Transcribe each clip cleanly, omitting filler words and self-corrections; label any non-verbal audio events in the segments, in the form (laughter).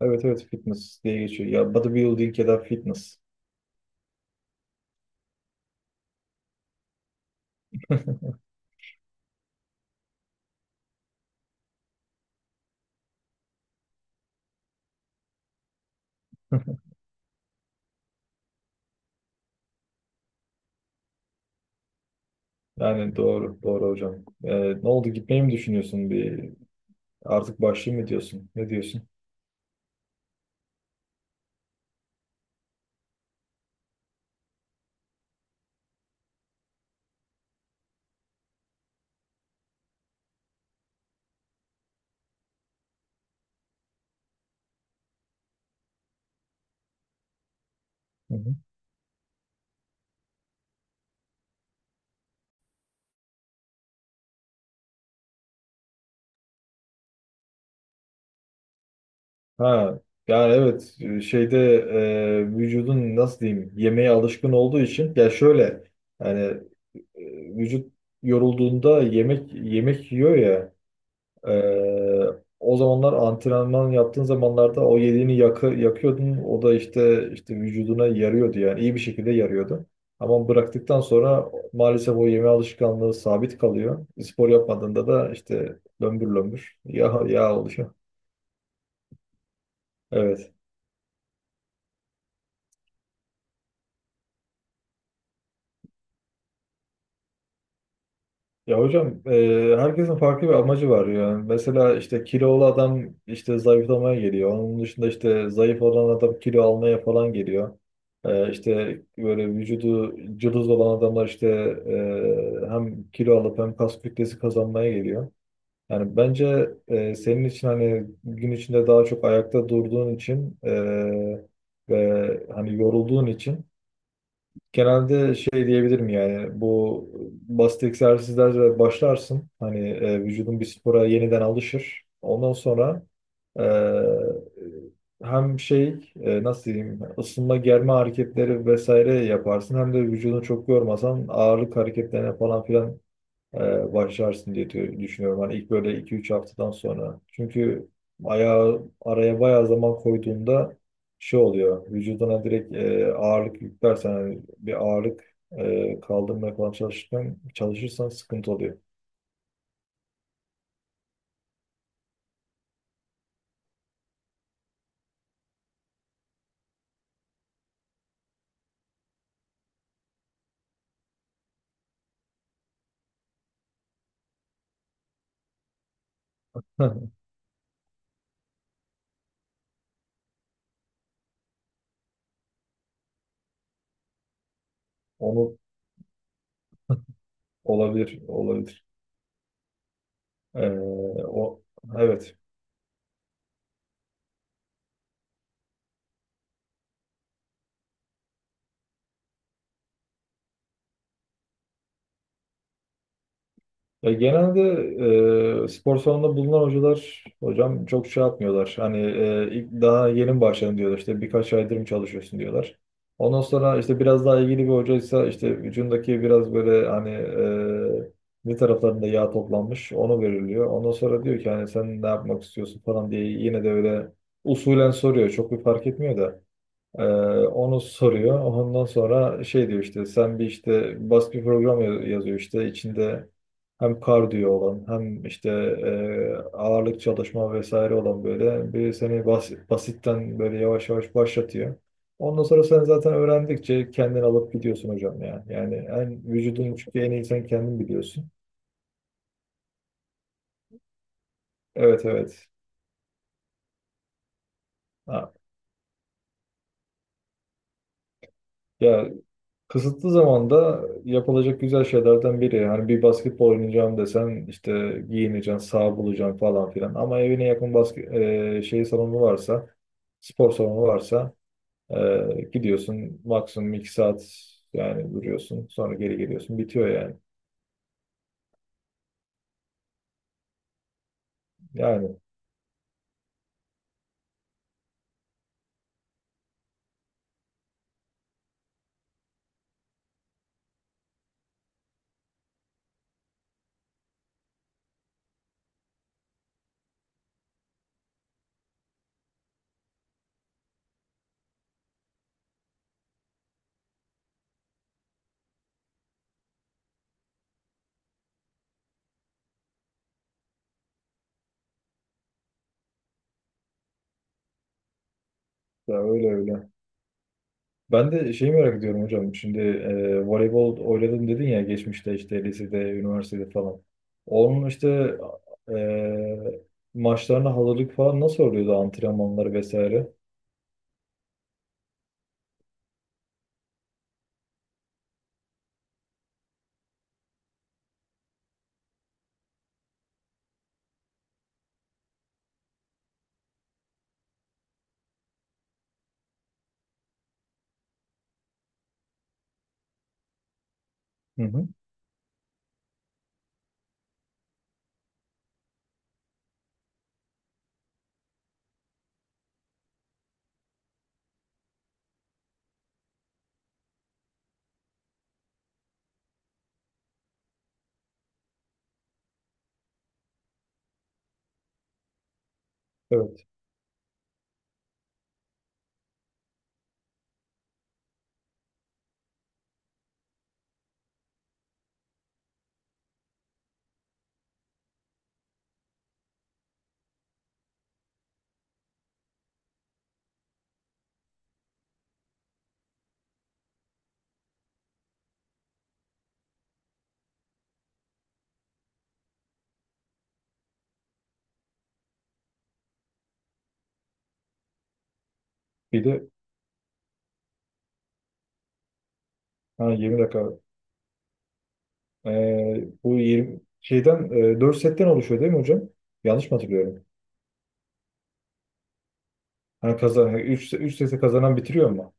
Evet evet fitness diye geçiyor. Ya bodybuilding ya da fitness. (laughs) Yani doğru doğru hocam. Ne oldu, gitmeyi mi düşünüyorsun, bir artık başlayayım mı diyorsun? Ne diyorsun? Hı hı. Ha, yani evet, şeyde, vücudun nasıl diyeyim, yemeğe alışkın olduğu için, ya şöyle yani, e, vücut yorulduğunda yemek yiyor ya. Ee, O zamanlar, antrenman yaptığın zamanlarda o yediğini yakıyordun. O da işte vücuduna yarıyordu, yani iyi bir şekilde yarıyordu. Ama bıraktıktan sonra maalesef o yeme alışkanlığı sabit kalıyor. Spor yapmadığında da işte lömbür lömbür yağ oluşuyor. Evet. Ya hocam, herkesin farklı bir amacı var yani. Mesela işte kilolu adam işte zayıflamaya geliyor. Onun dışında işte zayıf olan adam kilo almaya falan geliyor. İşte böyle vücudu cılız olan adamlar işte, hem kilo alıp hem kas kütlesi kazanmaya geliyor. Yani bence senin için, hani gün içinde daha çok ayakta durduğun için ve hani yorulduğun için, genelde şey diyebilirim yani, bu basit egzersizlerle başlarsın. Hani vücudun bir spora yeniden alışır. Ondan sonra e, hem şey, nasıl diyeyim, ısınma germe hareketleri vesaire yaparsın. Hem de vücudunu çok yormasan ağırlık hareketlerine falan filan başlarsın diye düşünüyorum. Hani ilk böyle iki üç haftadan sonra. Çünkü ayağı araya bayağı zaman koyduğunda şey oluyor. Vücuduna direkt ağırlık yüklersen, hani bir ağırlık kaldırmaya falan çalışırken çalışırsan sıkıntı oluyor. (laughs) Onu, olabilir, olabilir. E, O evet. Ya genelde spor salonunda bulunan hocalar hocam çok şey yapmıyorlar. Hani ilk daha yeni mi başladın diyorlar. İşte birkaç aydır mı çalışıyorsun diyorlar. Ondan sonra işte biraz daha ilgili bir hocaysa, işte vücudundaki biraz böyle hani, bir taraflarında yağ toplanmış onu veriliyor. Ondan sonra diyor ki, hani sen ne yapmak istiyorsun falan diye, yine de öyle usulen soruyor. Çok bir fark etmiyor da. Ee, Onu soruyor. Ondan sonra şey diyor, işte sen bir işte basit bir program yazıyor, işte içinde hem kardiyo olan hem işte ağırlık çalışma vesaire olan böyle bir, seni basitten böyle yavaş yavaş başlatıyor. Ondan sonra sen zaten öğrendikçe kendin alıp gidiyorsun hocam ya. Yani en vücudun çünkü en iyi sen kendin biliyorsun. Evet evet. Ha. Ya, kısıtlı zamanda yapılacak güzel şeylerden biri. Yani bir basketbol oynayacağım desen işte giyineceksin, saha bulacaksın falan filan. Ama evine yakın şey salonu varsa, spor salonu varsa, gidiyorsun maksimum 2 saat yani duruyorsun. Sonra geri geliyorsun. Bitiyor yani. Yani ya, öyle öyle. Ben de şeyi merak ediyorum hocam. Şimdi voleybol oynadım dedin ya geçmişte, işte lisede, üniversitede falan. Onun işte maçlarına hazırlık falan nasıl oluyordu, antrenmanları vesaire? Hı hı. Evet. Bir de, ha, 20 dakika. Bu 20 şeyden, 4 setten oluşuyor değil mi hocam? Yanlış mı hatırlıyorum? Ha, kazan 3 3 sete kazanan bitiriyor mu?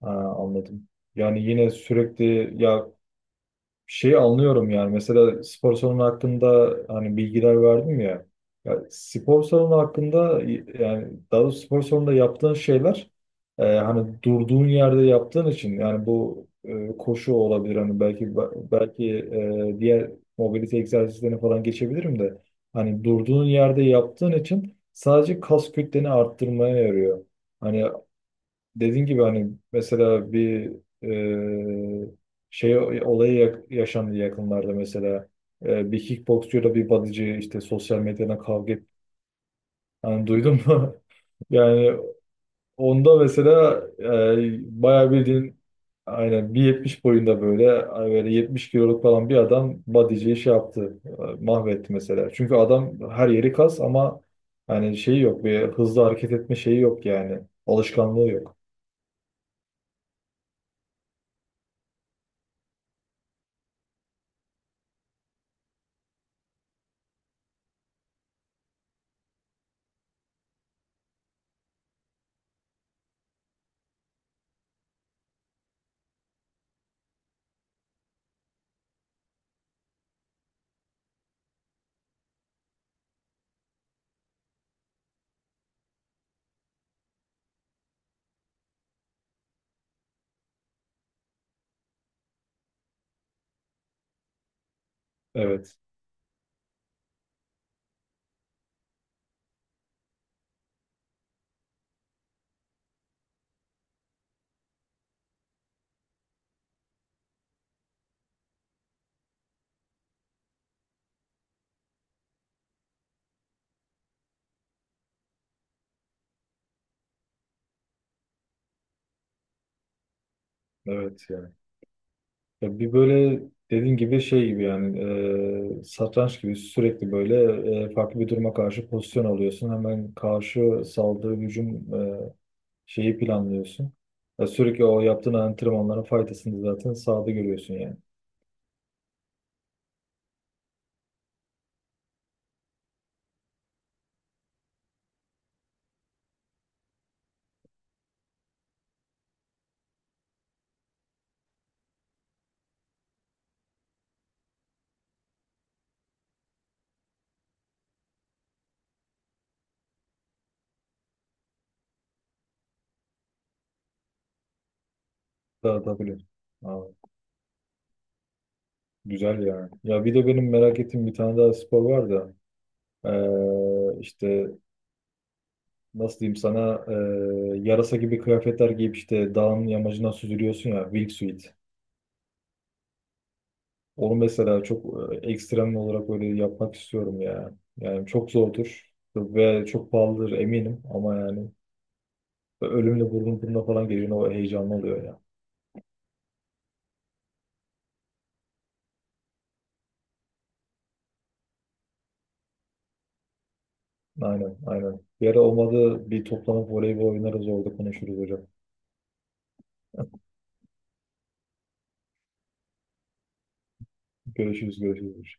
Ha, anladım. Yani yine sürekli ya, şeyi anlıyorum yani, mesela spor salonu hakkında hani bilgiler verdim ya. Ya spor salonu hakkında, yani daha doğrusu spor salonunda yaptığın şeyler, hani durduğun yerde yaptığın için, yani bu koşu olabilir, hani belki diğer mobilite egzersizlerine falan geçebilirim de, hani durduğun yerde yaptığın için sadece kas kütleni arttırmaya yarıyor. Hani dediğin gibi, hani mesela bir e, şey olayı yaşandı yakınlarda mesela. Bir kickboksçuyla bir bodyci işte sosyal medyadan kavga et. Hani duydun mu? (laughs) Yani onda mesela bayağı bildiğin, aynen 1,70 boyunda, böyle böyle 70 kiloluk falan bir adam bodyciyi şey yaptı, mahvetti mesela. Çünkü adam her yeri kas ama hani şeyi yok, bir hızlı hareket etme şeyi yok yani. Alışkanlığı yok. Evet. Evet yani. Ya bir böyle dediğin gibi, şey gibi yani, satranç gibi, sürekli böyle farklı bir duruma karşı pozisyon alıyorsun. Hemen karşı saldığı hücum, şeyi planlıyorsun. Ya sürekli o yaptığın antrenmanların faydasını zaten sahada görüyorsun yani. Dağıtabilir. Aa, güzel yani. Ya bir de benim merak ettiğim bir tane daha spor var da, işte nasıl diyeyim sana, yarasa gibi kıyafetler giyip işte dağın yamacından süzülüyorsun ya, wingsuit. Onu mesela çok ekstrem olarak böyle yapmak istiyorum ya. Yani çok zordur ve çok pahalıdır eminim ama yani, ölümle burnun burnuna falan geliyor, o heyecanlı oluyor ya. Aynen aynen. Bir ara olmadı bir toplanıp voleybol oynarız, orada konuşuruz hocam. Görüşürüz görüşürüz.